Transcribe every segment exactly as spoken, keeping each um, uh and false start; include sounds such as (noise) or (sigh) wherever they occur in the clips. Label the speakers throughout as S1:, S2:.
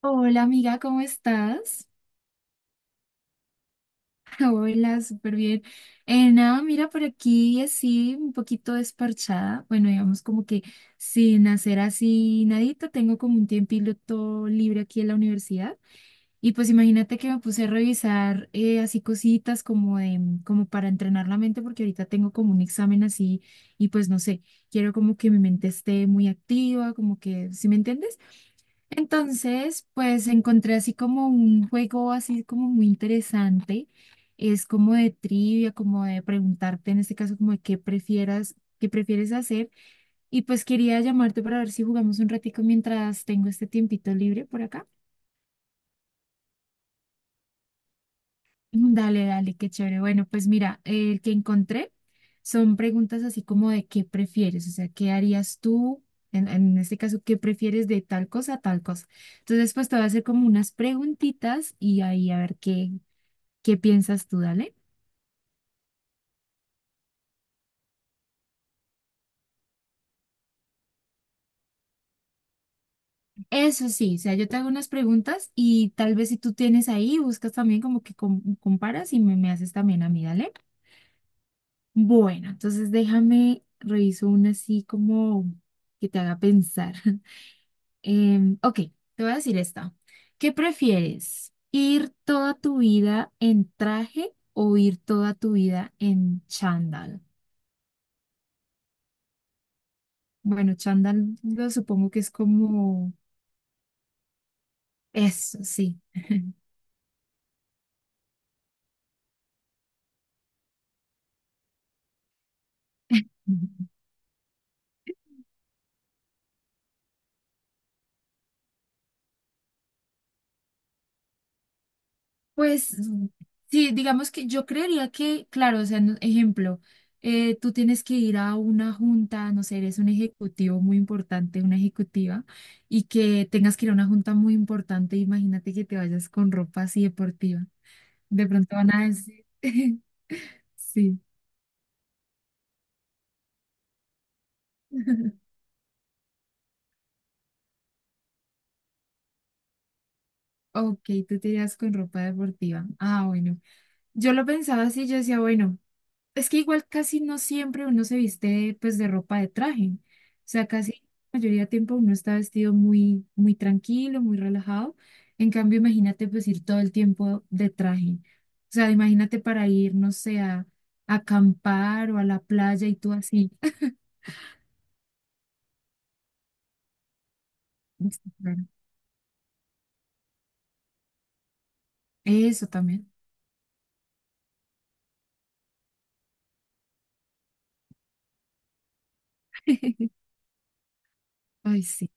S1: Hola amiga, ¿cómo estás? (laughs) Hola, súper bien. Eh, nada, mira por aquí así un poquito desparchada. Bueno, digamos como que sin hacer así nadita, tengo como un tiempito libre aquí en la universidad. Y pues imagínate que me puse a revisar eh, así cositas como de, mm, como para entrenar la mente, porque ahorita tengo como un examen así y pues no sé, quiero como que mi mente esté muy activa, como que, ¿sí me entiendes? Entonces, pues encontré así como un juego así como muy interesante. Es como de trivia, como de preguntarte en este caso como de qué prefieras, qué prefieres hacer. Y pues quería llamarte para ver si jugamos un ratico mientras tengo este tiempito libre por acá. Dale, dale, qué chévere. Bueno, pues mira, eh, el que encontré son preguntas así como de qué prefieres, o sea, ¿qué harías tú? En, en este caso, ¿qué prefieres de tal cosa a tal cosa? Entonces, pues te voy a hacer como unas preguntitas y ahí a ver qué, qué piensas tú, dale. Eso sí, o sea, yo te hago unas preguntas y tal vez si tú tienes ahí, buscas también como que com- comparas y me, me haces también a mí, dale. Bueno, entonces déjame, reviso una así como que te haga pensar. (laughs) Em, ok, te voy a decir esta. ¿Qué prefieres? ¿Ir toda tu vida en traje o ir toda tu vida en chándal? Bueno, chándal lo supongo que es como eso, sí. (laughs) Pues sí, digamos que yo creería que, claro, o sea, no- ejemplo, eh, tú tienes que ir a una junta, no sé, eres un ejecutivo muy importante, una ejecutiva, y que tengas que ir a una junta muy importante, imagínate que te vayas con ropa así deportiva. De pronto van a decir, (laughs) sí. (laughs) Ok, tú te irías con ropa deportiva. Ah, bueno. Yo lo pensaba así, yo decía, bueno, es que igual casi no siempre uno se viste pues de ropa de traje. O sea, casi la mayoría de tiempo uno está vestido muy, muy tranquilo, muy relajado. En cambio, imagínate pues ir todo el tiempo de traje. O sea, imagínate para ir, no sé, a, a acampar o a la playa y tú así. (laughs) Sí, claro. Eso también. (laughs) Ay, sí.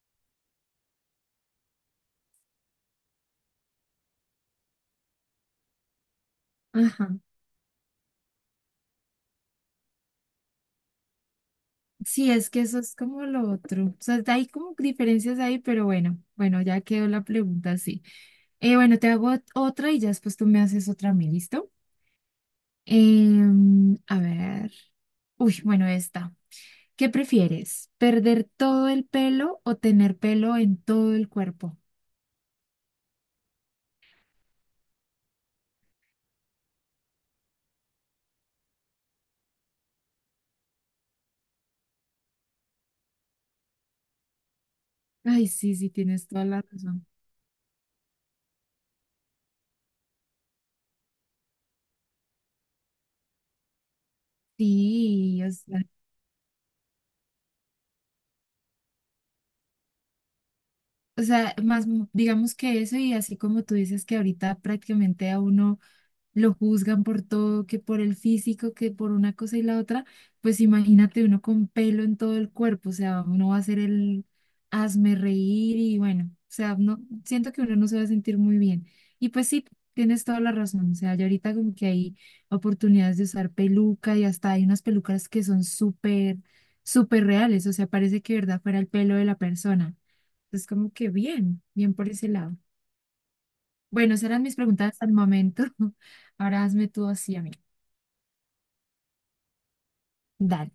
S1: Ajá. Sí, es que eso es como lo otro. O sea, hay como diferencias ahí, pero bueno, bueno, ya quedó la pregunta así. Eh, bueno, te hago ot- otra y ya después tú me haces otra a mí, ¿listo? Em, a ver. Uy, bueno, esta. ¿Qué prefieres? ¿Perder todo el pelo o tener pelo en todo el cuerpo? Ay, sí, sí, tienes toda la razón. Sí, o sea, o sea, más mm, digamos que eso y así como tú dices que ahorita prácticamente a uno lo juzgan por todo, que por el físico, que por una cosa y la otra, pues imagínate uno con pelo en todo el cuerpo, o sea, uno va a ser el hazme reír y bueno, o sea, no, siento que uno no se va a sentir muy bien. Y pues sí, tienes toda la razón, o sea, ya ahorita como que hay oportunidades de usar peluca y hasta hay unas pelucas que son súper, súper reales, o sea, parece que de verdad fuera el pelo de la persona. Es como que bien, bien por ese lado. Bueno, esas eran mis preguntas hasta el momento. (laughs) Ahora hazme tú así a mí. Dale.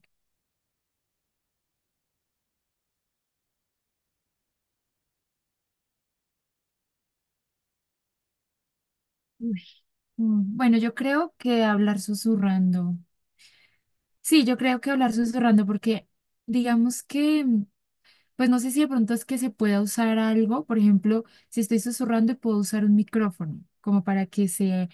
S1: Uy. Mm, Bueno, yo creo que hablar susurrando. Sí, yo creo que hablar susurrando porque digamos que, mm, pues no sé si de pronto es que se pueda usar algo, por ejemplo, si estoy susurrando y puedo usar un micrófono, como para que se,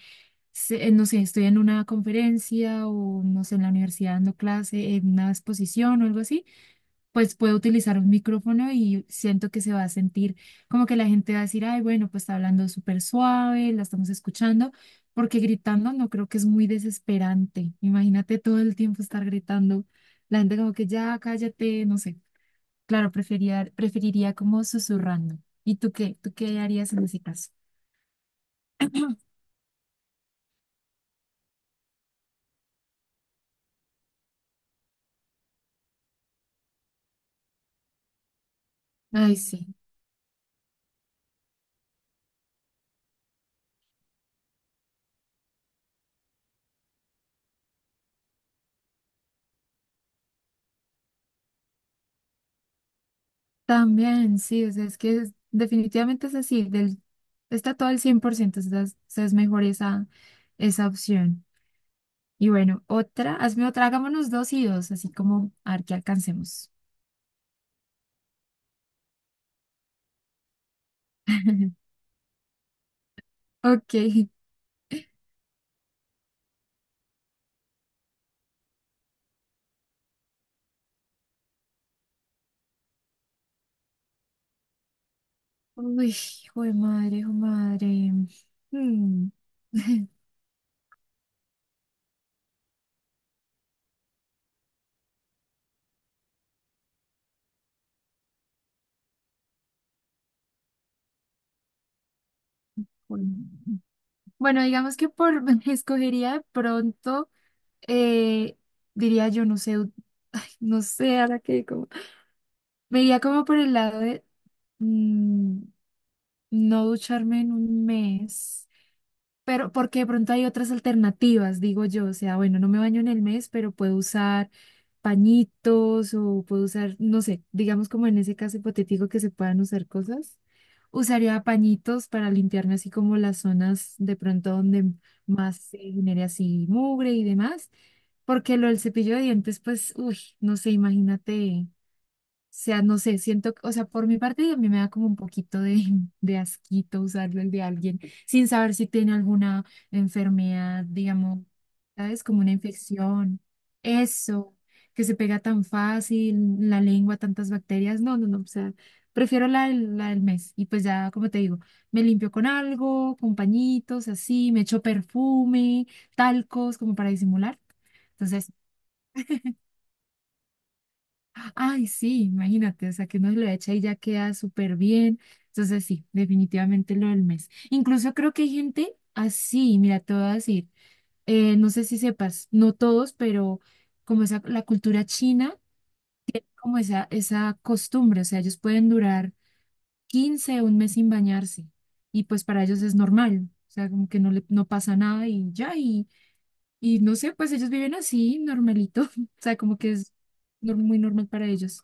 S1: se- eh, no sé, estoy en una conferencia o no sé, en la universidad dando clase, en una exposición o algo así pues puedo utilizar un micrófono y siento que se va a sentir como que la gente va a decir, ay, bueno, pues está hablando súper suave, la estamos escuchando, porque gritando no creo que es muy desesperante. Imagínate todo el tiempo estar gritando, la gente como que ya cállate, no sé. Claro, preferiría, preferiría como susurrando. ¿Y tú qué? ¿Tú qué harías en ese caso? Ay, sí, también, sí, o sea, es que es- definitivamente es así, del, está todo al cien por ciento, o sea, es, o sea, es mejor esa, esa opción. Y bueno, otra, hazme otra, hagámonos dos y dos, así como a ver qué alcancemos. (laughs) Ok. Uy, hijo de madre, hijo de madre. Hmm. (laughs) Bueno, digamos que por (laughs) escogería de pronto, eh, diría yo, no sé, ut- ay, no sé, ahora que como, me iría como por el lado de mm, no ducharme en un mes. Pero porque de pronto hay otras alternativas, digo yo, o sea, bueno, no me baño en el mes, pero puedo usar pañitos o puedo usar, no sé, digamos como en ese caso hipotético que se puedan usar cosas. Usaría pañitos para limpiarme así como las zonas de pronto donde más se genere así mugre y demás, porque lo del cepillo de dientes, pues, uy, no sé, imagínate sea, no sé, siento, que- o sea, por mi parte a mí me da como un poquito de, (laughs) de asquito usarlo el de alguien sin saber si tiene alguna enfermedad, digamos, ¿sabes? Como una infección, eso, que se pega tan fácil, en la lengua, tantas bacterias, no, no, no, o sea, prefiero la, del- la del mes y pues ya, como te digo, me limpio con algo, con pañitos, así, me echo perfume, talcos, como para disimular. Entonces, ay, sí, imagínate, o sea, que uno lo echa y ya queda súper bien. Entonces, sí, definitivamente lo del mes. Incluso creo que hay gente así, mira, te voy a decir, eh, no sé si sepas, no todos, pero como esa, la cultura china, como esa, esa costumbre, o sea, ellos pueden durar quince o un mes sin bañarse y pues para ellos es normal, o sea, como que no, le, no pasa nada y ya, y, y no sé, pues ellos viven así, normalito, (laughs) o sea, como que es nor- muy normal para ellos.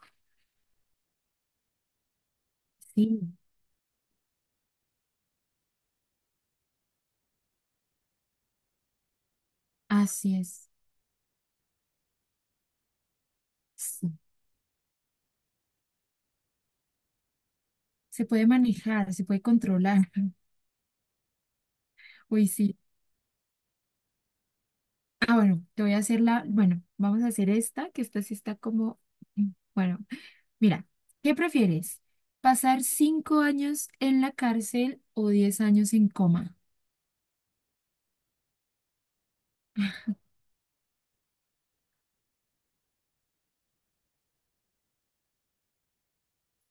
S1: Sí. Así es. Sí. Se puede manejar, se puede controlar. (laughs) Uy, sí. Ah, bueno, te voy a hacer la, bueno, vamos a hacer esta, que esta sí está como, mm, bueno, mira, ¿qué prefieres? ¿Pasar cinco años en la cárcel o diez años en coma?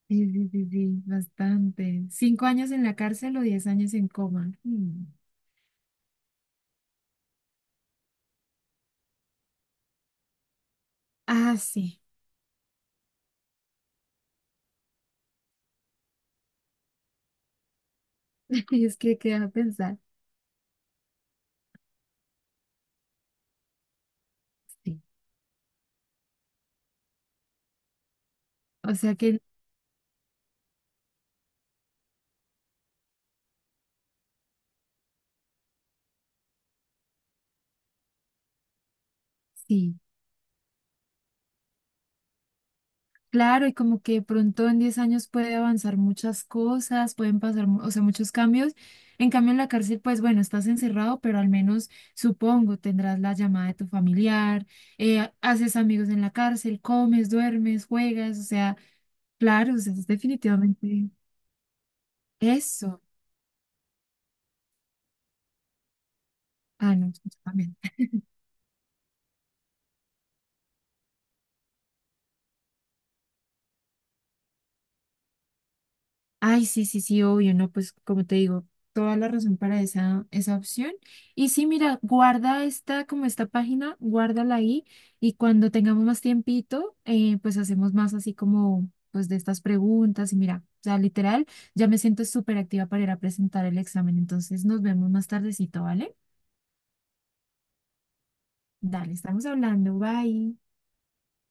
S1: Sí, sí, sí, sí, bastante. ¿Cinco años en la cárcel o diez años en coma? Mm. Ah, sí. (laughs) Es que queda a pensar. Sí. O sea que sí. Claro, y como que de pronto en diez años puede avanzar muchas cosas, pueden pasar, mu- o sea, muchos cambios. En cambio, en la cárcel, pues bueno, estás encerrado, pero al menos supongo tendrás la llamada de tu familiar, eh, ha- haces amigos en la cárcel, comes, duermes, juegas, o sea, claro, o sea, es definitivamente eso. Ah, no, también. Ay, sí, sí, sí, obvio, no, pues como te digo, toda la razón para esa, esa opción. Y sí, mira, guarda esta, como esta página, guárdala ahí y cuando tengamos más tiempito, eh, pues hacemos más así como, pues de estas preguntas y mira, o sea, literal, ya me siento súper activa para ir a presentar el examen, entonces nos vemos más tardecito, ¿vale? Dale, estamos hablando, bye.